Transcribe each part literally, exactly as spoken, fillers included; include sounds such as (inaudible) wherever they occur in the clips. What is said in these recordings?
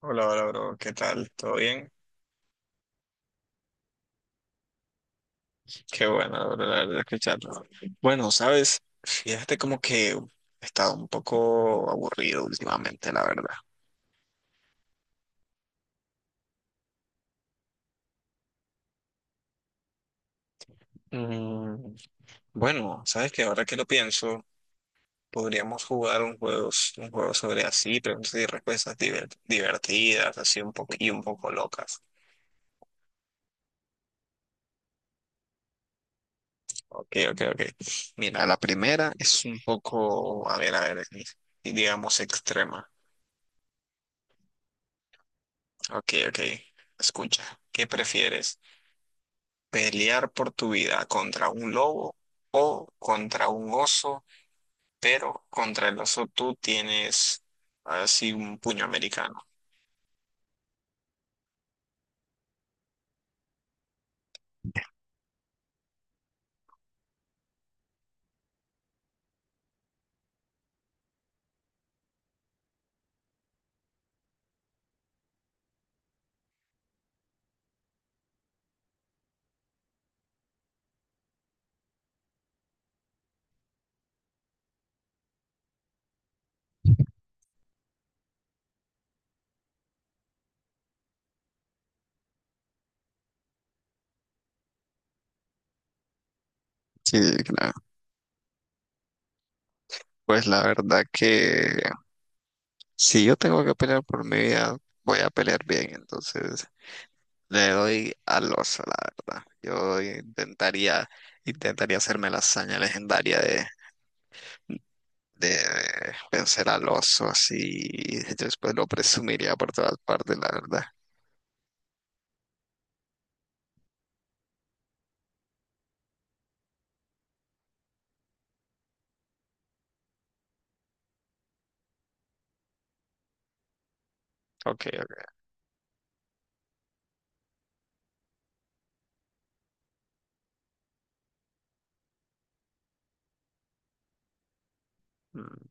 Hola, hola, bro. ¿Qué tal? ¿Todo bien? Qué bueno, bro, la verdad, escucharlo. Bueno, sabes, fíjate como que he estado un poco aburrido últimamente, la verdad. Mm, bueno, sabes que ahora que lo pienso, podríamos jugar un juego, un juego sobre así, preguntas y respuestas diver- divertidas, así un poco y un poco locas. Ok, ok, ok. Mira, la primera es un poco, a ver, a ver, digamos extrema. Ok, ok. Escucha, ¿qué prefieres? Pelear por tu vida contra un lobo o contra un oso, pero contra el oso tú tienes así un puño americano. Sí, claro. Pues la verdad que si yo tengo que pelear por mi vida, voy a pelear bien. Entonces le doy al oso, la verdad. Yo intentaría, intentaría hacerme la hazaña legendaria de, de vencer al oso así. Y después lo presumiría por todas partes, la verdad. Ok, ok. Mm.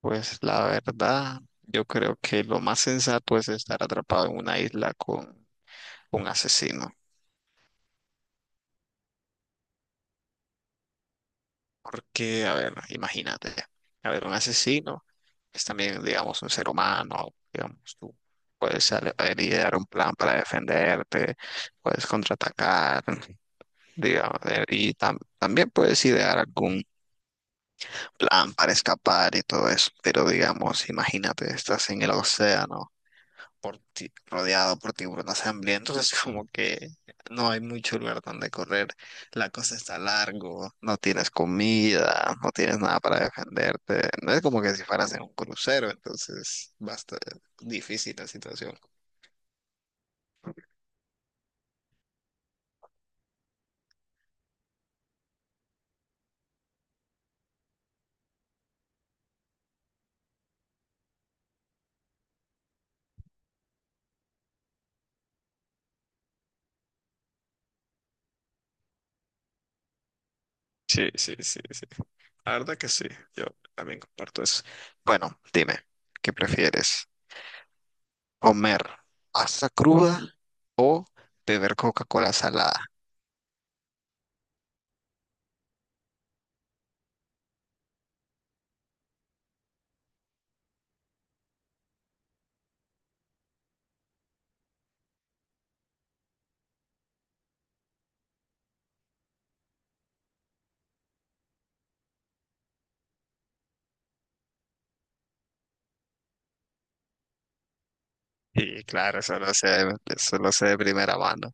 Pues la verdad, yo creo que lo más sensato es estar atrapado en una isla con un asesino. Porque, a ver, imagínate, a ver, un asesino es también, digamos, un ser humano, digamos, tú puedes ale- idear un plan para defenderte, puedes contraatacar, digamos, eh, y tam- también puedes idear algún plan para escapar y todo eso. Pero, digamos, imagínate, estás en el océano, por ti- rodeado por tiburones hambrientos, es como que no hay mucho lugar donde correr. La cosa está largo, no tienes comida, no tienes nada para defenderte. No es como que si fueras en un crucero, entonces basta, difícil la situación. Sí, sí, sí, sí. La verdad que sí, yo también comparto eso. Bueno, dime, ¿qué prefieres? Comer pasta cruda o beber Coca-Cola salada. Y claro, eso lo sé, eso lo sé de primera mano.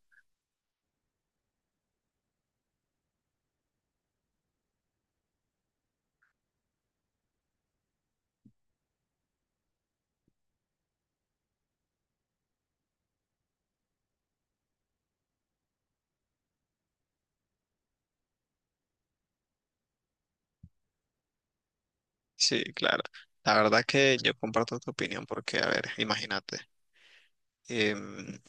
Sí, claro. La verdad que yo comparto tu opinión porque, a ver, imagínate. em,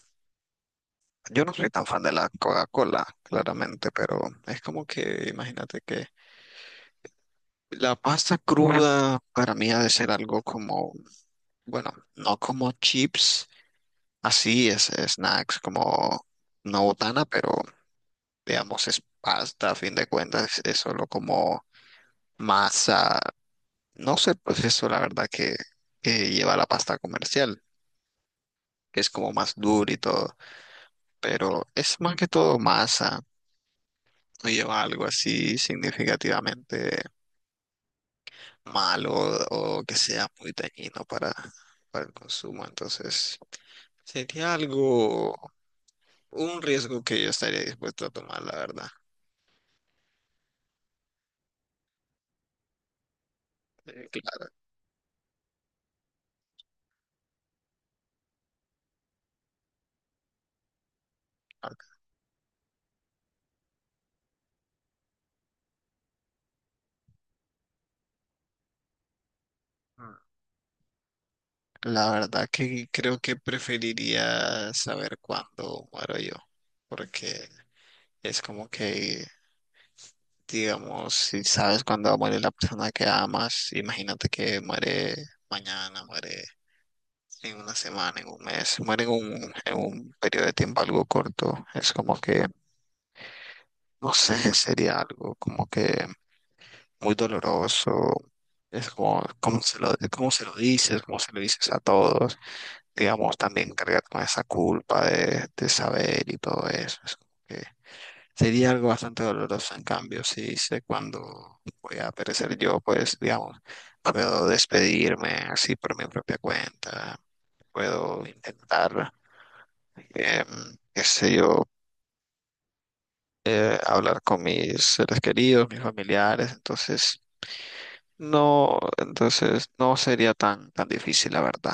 yo no soy tan fan de la Coca-Cola, claramente, pero es como que, imagínate que la pasta cruda para mí ha de ser algo como, bueno, no como chips, así es, snacks, como una botana, pero digamos, es pasta, a fin de cuentas, es solo como masa, no sé el proceso, la verdad, que, que lleva la pasta comercial, que es como más dura y todo, pero es más que todo masa, no lleva algo así significativamente malo o que sea muy dañino para, para el consumo, entonces sería algo, un riesgo que yo estaría dispuesto a tomar, la verdad. Eh, claro. Claro. La verdad que creo que preferiría saber cuándo muero yo, porque es como que, digamos, si sabes cuándo va a morir la persona que amas, imagínate que muere mañana, muere en una semana, en un mes, muere en un, en un periodo de tiempo algo corto, es como que, no sé, (laughs) sería algo como que muy doloroso, es como, cómo se lo, cómo se lo dices, cómo se lo dices a todos. Digamos, también cargar con esa culpa de, de saber y todo eso. Es como que sería algo bastante doloroso. En cambio, si sé cuándo voy a perecer yo, pues, digamos, puedo despedirme así por mi propia cuenta, puedo intentar, em, qué sé yo, eh, hablar con mis seres queridos, mis familiares. Entonces, no, entonces no sería tan, tan difícil, la verdad.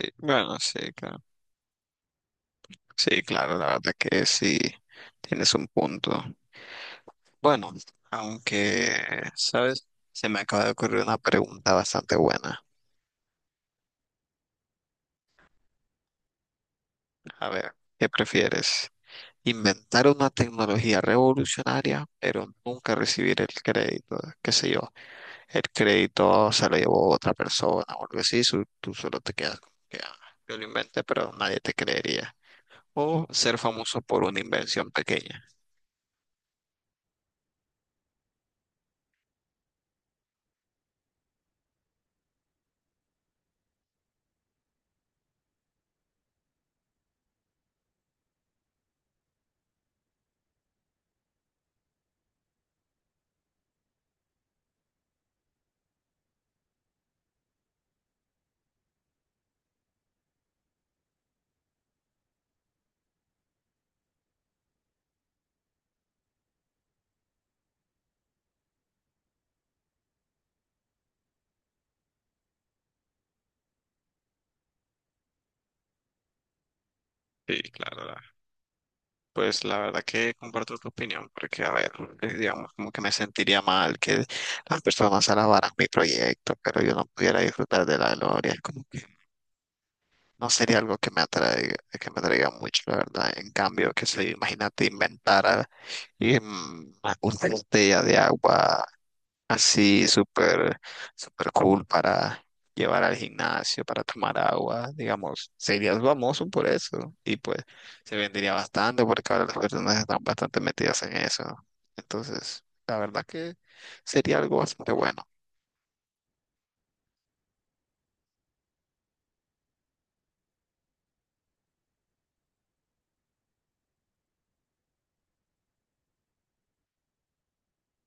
Sí, bueno, sí, claro. Sí, claro, la verdad que sí, tienes un punto. Bueno, aunque, ¿sabes? Se me acaba de ocurrir una pregunta bastante buena. A ver, ¿qué prefieres? Inventar una tecnología revolucionaria, pero nunca recibir el crédito, qué sé yo, el crédito se lo llevó otra persona o algo así, su- tú solo te quedas como que: "Ah, yo lo inventé", pero nadie te creería. O ser famoso por una invención pequeña. Sí, claro, la- pues la verdad que comparto tu opinión, porque a ver, eh, digamos, como que me sentiría mal que las personas alabaran mi proyecto, pero yo no pudiera disfrutar de la gloria, como que no sería algo que me atraiga, que me atraiga mucho, la verdad. En cambio, que se imagínate inventara em, una botella de agua así súper, súper cool para llevar al gimnasio, para tomar agua, digamos, serías famoso por eso. Y pues se vendería bastante porque ahora las personas están bastante metidas en eso. Entonces, la verdad que sería algo bastante bueno.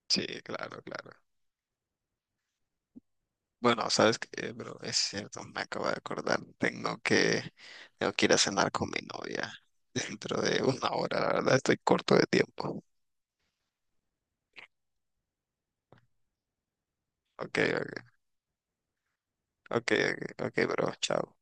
Sí, claro, claro. Bueno, sabes que, bro, es cierto, me acabo de acordar. Tengo que, tengo que ir a cenar con mi novia (laughs) dentro de una hora. La verdad, estoy corto de tiempo. Ok, ok, ok, ok, ok, bro, chao.